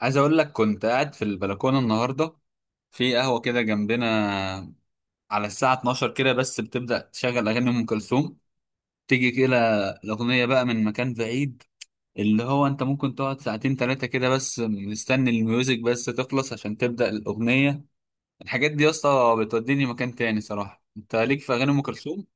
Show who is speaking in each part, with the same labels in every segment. Speaker 1: عايز اقول لك، كنت قاعد في البلكونه النهارده في قهوه كده جنبنا، على الساعه 12 كده بس بتبدا تشغل اغاني ام كلثوم، تيجي كده الاغنيه بقى من مكان بعيد. اللي هو انت ممكن تقعد ساعتين ثلاثه كده بس مستني الميوزك بس تخلص عشان تبدا الاغنيه. الحاجات دي يا اسطى بتوديني مكان تاني صراحه، انت ليك في اغاني ام كلثوم؟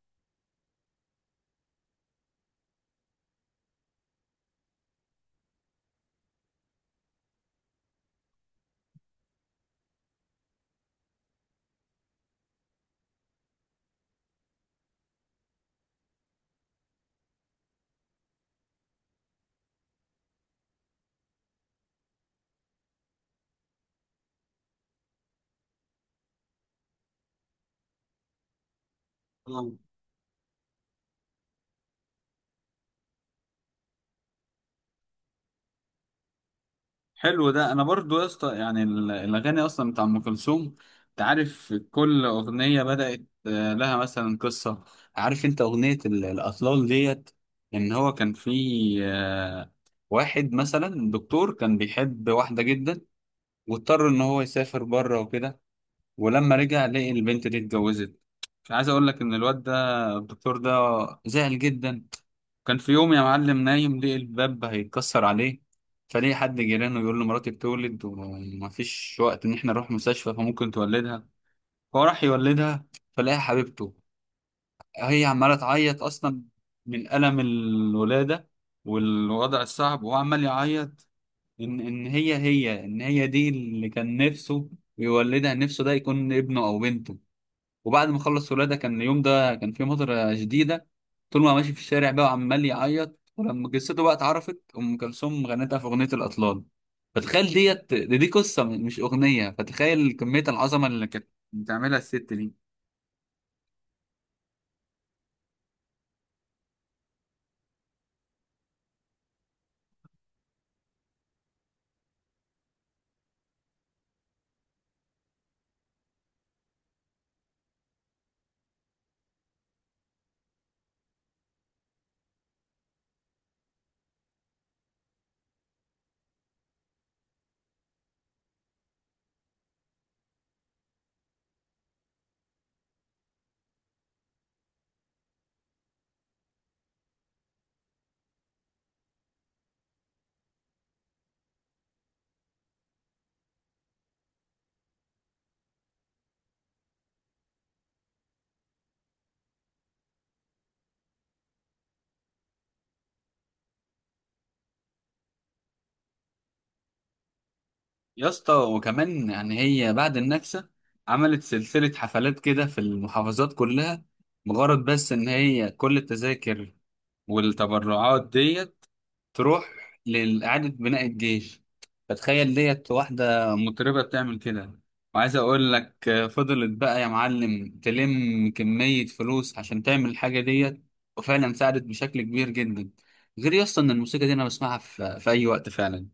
Speaker 1: حلو ده، انا برضو يا اسطى يعني الاغاني اصلا بتاع ام كلثوم، انت عارف كل اغنيه بدات لها مثلا قصه. عارف انت اغنيه الاطلال ديت، ان هو كان في آه، واحد مثلا دكتور كان بيحب واحده جدا، واضطر ان هو يسافر بره وكده، ولما رجع لقي البنت دي اتجوزت. عايز اقول لك ان الواد ده، الدكتور ده، زعل جدا. كان في يوم يا معلم نايم لقي الباب هيتكسر عليه، فليه حد جيرانه يقول له مراتي بتولد ومفيش وقت ان احنا نروح مستشفى فممكن تولدها، فهو راح يولدها. فلاقي حبيبته هي عماله تعيط اصلا من الم الولاده والوضع الصعب، وهو عمال يعيط ان هي دي اللي كان نفسه يولدها، نفسه ده يكون ابنه او بنته. وبعد ما خلص ولاده كان اليوم ده كان فيه مطره شديده، طول ما هو ماشي في الشارع بقى وعمال يعيط، ولما جثته بقى اتعرفت ام كلثوم غنتها في اغنيه الاطلال. فتخيل ديت، دي قصه مش اغنيه، فتخيل كميه العظمه اللي كانت بتعملها الست دي. يا اسطى وكمان يعني هي بعد النكسه عملت سلسله حفلات كده في المحافظات كلها، مجرد بس ان هي كل التذاكر والتبرعات ديت تروح لإعادة بناء الجيش. فتخيل ديت، واحدة مطربة بتعمل كده، وعايز أقول لك فضلت بقى يا معلم تلم كمية فلوس عشان تعمل الحاجة ديت، وفعلا ساعدت بشكل كبير جدا. غير يسطا إن الموسيقى دي أنا بسمعها في أي وقت فعلا.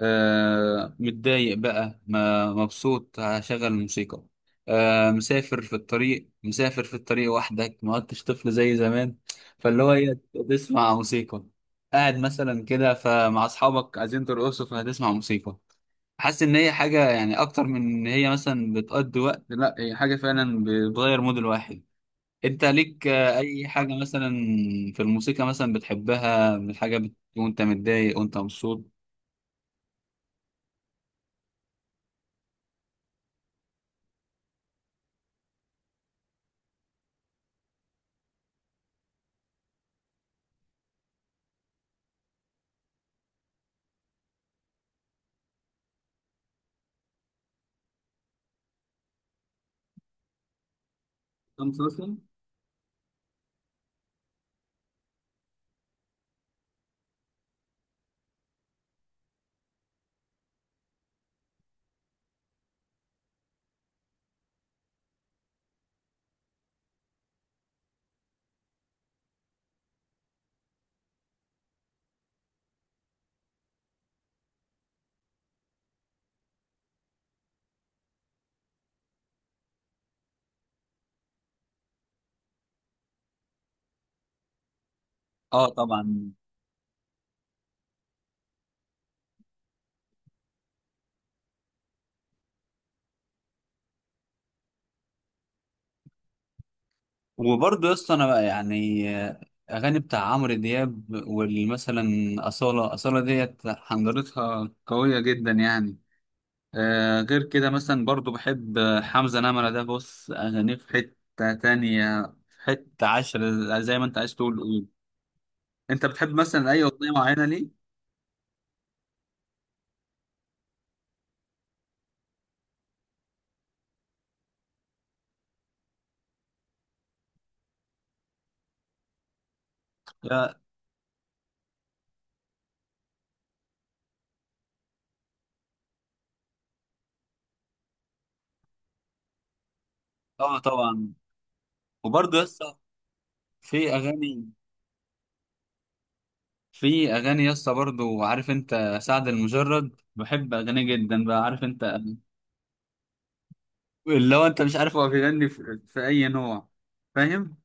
Speaker 1: متضايق بقى ما مبسوط هشغل الموسيقى. مسافر في الطريق، مسافر في الطريق وحدك، ما عدتش طفل زي زمان. فاللي هو ايه، تسمع موسيقى. قاعد مثلا كده فمع اصحابك عايزين ترقصوا فهتسمع موسيقى. حاسس ان هي حاجه يعني اكتر من ان هي مثلا بتقضي وقت، لا هي حاجه فعلا بتغير مود الواحد. انت ليك اي حاجه مثلا في الموسيقى مثلا بتحبها من حاجه وانت متضايق وانت مبسوط؟ مسلسل؟ اه، طبعا. وبرضه يا اسطى انا بقى يعني اغاني بتاع عمرو دياب والمثلا اصاله ديت حنجرتها قويه جدا يعني. غير كده مثلا برضه بحب حمزه نمره، ده بص اغانيه في حته تانية، في حته عشرة، زي ما انت عايز تقول قول. انت بتحب مثلا اي اغنيه معينه ليه؟ يا- اه، طبعا. وبرضه يا اسطى في اغاني في اغاني يا اسطى برضه، عارف انت سعد المجرد؟ بحب اغانيه جدا بقى، عارف انت. اللي هو انت مش عارف هو بيغني في اي نوع، فاهم،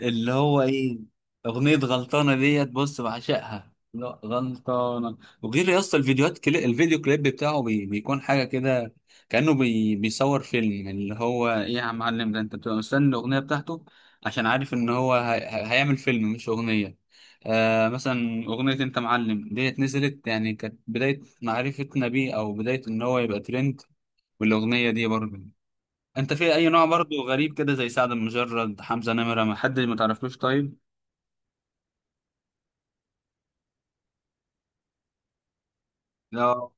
Speaker 1: اللي هو ايه. اغنية غلطانة ديت بص بعشقها، لا غلطانة، وغير يا اسطى الفيديوهات الفيديو كليب بتاعه بيكون حاجة كده، كأنه بيصور فيلم، يعني اللي هو ايه يا معلم، ده انت بتبقى مستني الأغنية بتاعته عشان عارف ان هو هيعمل فيلم مش أغنية. مثلا أغنية انت معلم ديت نزلت، يعني كانت بداية معرفتنا بيه او بداية ان هو يبقى ترند، والأغنية دي برضه، انت في اي نوع؟ برضو غريب كده زي سعد المجرد، حمزة نمرة، ما حد ما تعرفلوش طيب. لا.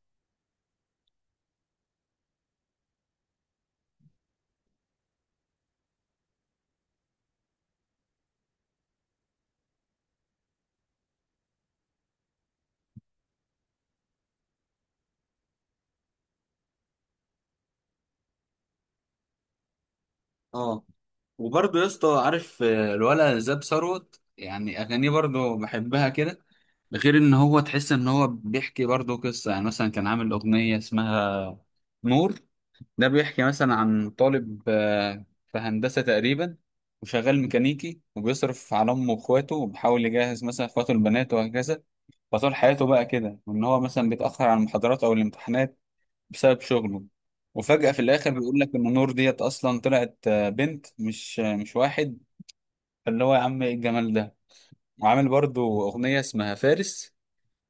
Speaker 1: اه. وبرضو يا اسطى عارف الولا زاب ثروت، يعني اغانيه برضو بحبها كده، ده غير ان هو تحس ان هو بيحكي برضو قصة، يعني مثلا كان عامل اغنية اسمها نور. ده بيحكي مثلا عن طالب في هندسة تقريبا، وشغال ميكانيكي وبيصرف على امه واخواته وبيحاول يجهز مثلا اخواته البنات وهكذا. فطول حياته بقى كده وان هو مثلا بيتاخر على المحاضرات او الامتحانات بسبب شغله. وفجأة في الآخر بيقول لك إن نور ديت أصلا طلعت بنت مش مش واحد. فاللي هو يا عم إيه الجمال ده. وعامل برضو أغنية اسمها فارس،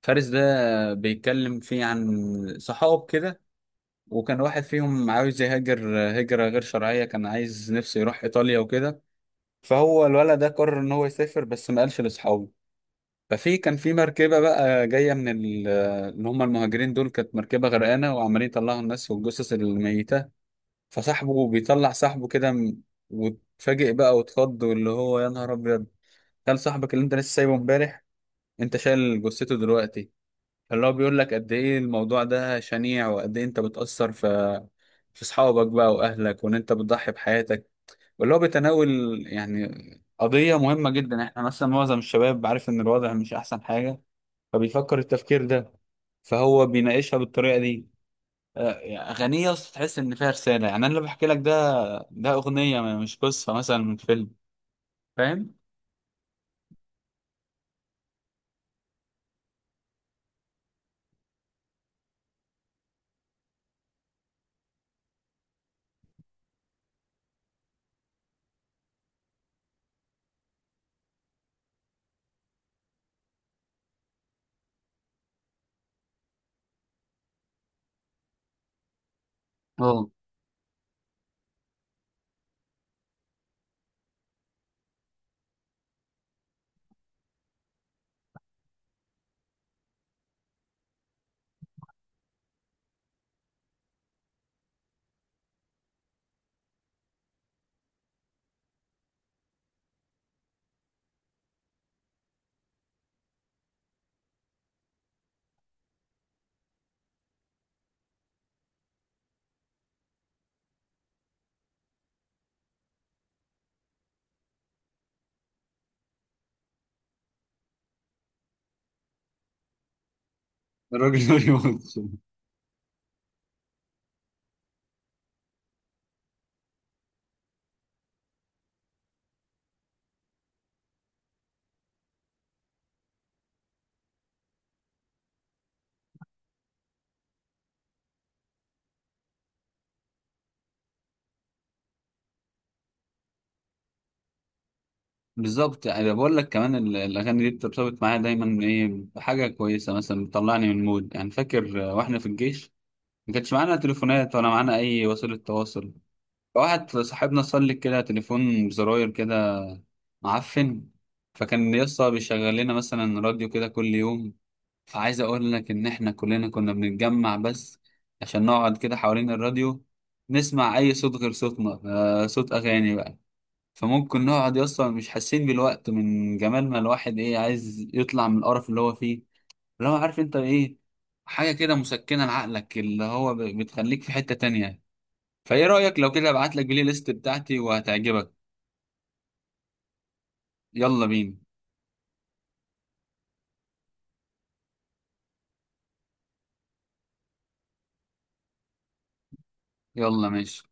Speaker 1: فارس ده بيتكلم فيه عن صحاب كده، وكان واحد فيهم عاوز يهاجر هجرة غير شرعية، كان عايز نفسه يروح إيطاليا وكده. فهو الولد ده قرر إن هو يسافر بس ما قالش لأصحابه. كان في مركبة بقى جاية من اللي هم المهاجرين دول، كانت مركبة غرقانة وعمالين يطلعوا الناس والجثث الميتة. فصاحبه بيطلع صاحبه كده وتفاجئ بقى وتخض، واللي هو يا نهار ابيض. قال صاحبك اللي انت لسه سايبه امبارح، انت شايل جثته دلوقتي. اللي هو بيقول لك قد ايه الموضوع ده شنيع، وقد ايه انت بتأثر في اصحابك بقى واهلك، وان انت بتضحي بحياتك. واللي هو بيتناول يعني قضية مهمة جدا، احنا مثلا معظم الشباب عارف ان الوضع مش احسن حاجة، فبيفكر التفكير ده، فهو بيناقشها بالطريقة دي. آه، أغنية أصلا تحس إن فيها رسالة، يعني أنا اللي بحكي لك ده، ده أغنية مش قصة مثلا من فيلم، فاهم. اه، الراجل ما بيموتش. بالظبط، انا بقول لك كمان الاغاني دي بترتبط معايا دايما ايه، بحاجه كويسه مثلا بتطلعني من مود، يعني فاكر واحنا في الجيش ما كانش معانا تليفونات ولا معانا اي وسيله تواصل. فواحد صاحبنا صلك كده تليفون بزراير كده معفن، فكان يسطا بيشغل لنا مثلا راديو كده كل يوم. فعايز اقول لك ان احنا كلنا كنا بنتجمع بس عشان نقعد كده حوالين الراديو، نسمع اي صوت غير صوتنا، صوت اغاني بقى. فممكن نقعد اصلا مش حاسين بالوقت من جمال، ما الواحد ايه عايز يطلع من القرف اللي هو فيه، اللي هو عارف انت ايه، حاجة كده مسكنة لعقلك اللي هو بتخليك في حتة تانية. فايه رأيك لو كده ابعت لك البلاي ليست بتاعتي وهتعجبك؟ يلا بينا. يلا، ماشي.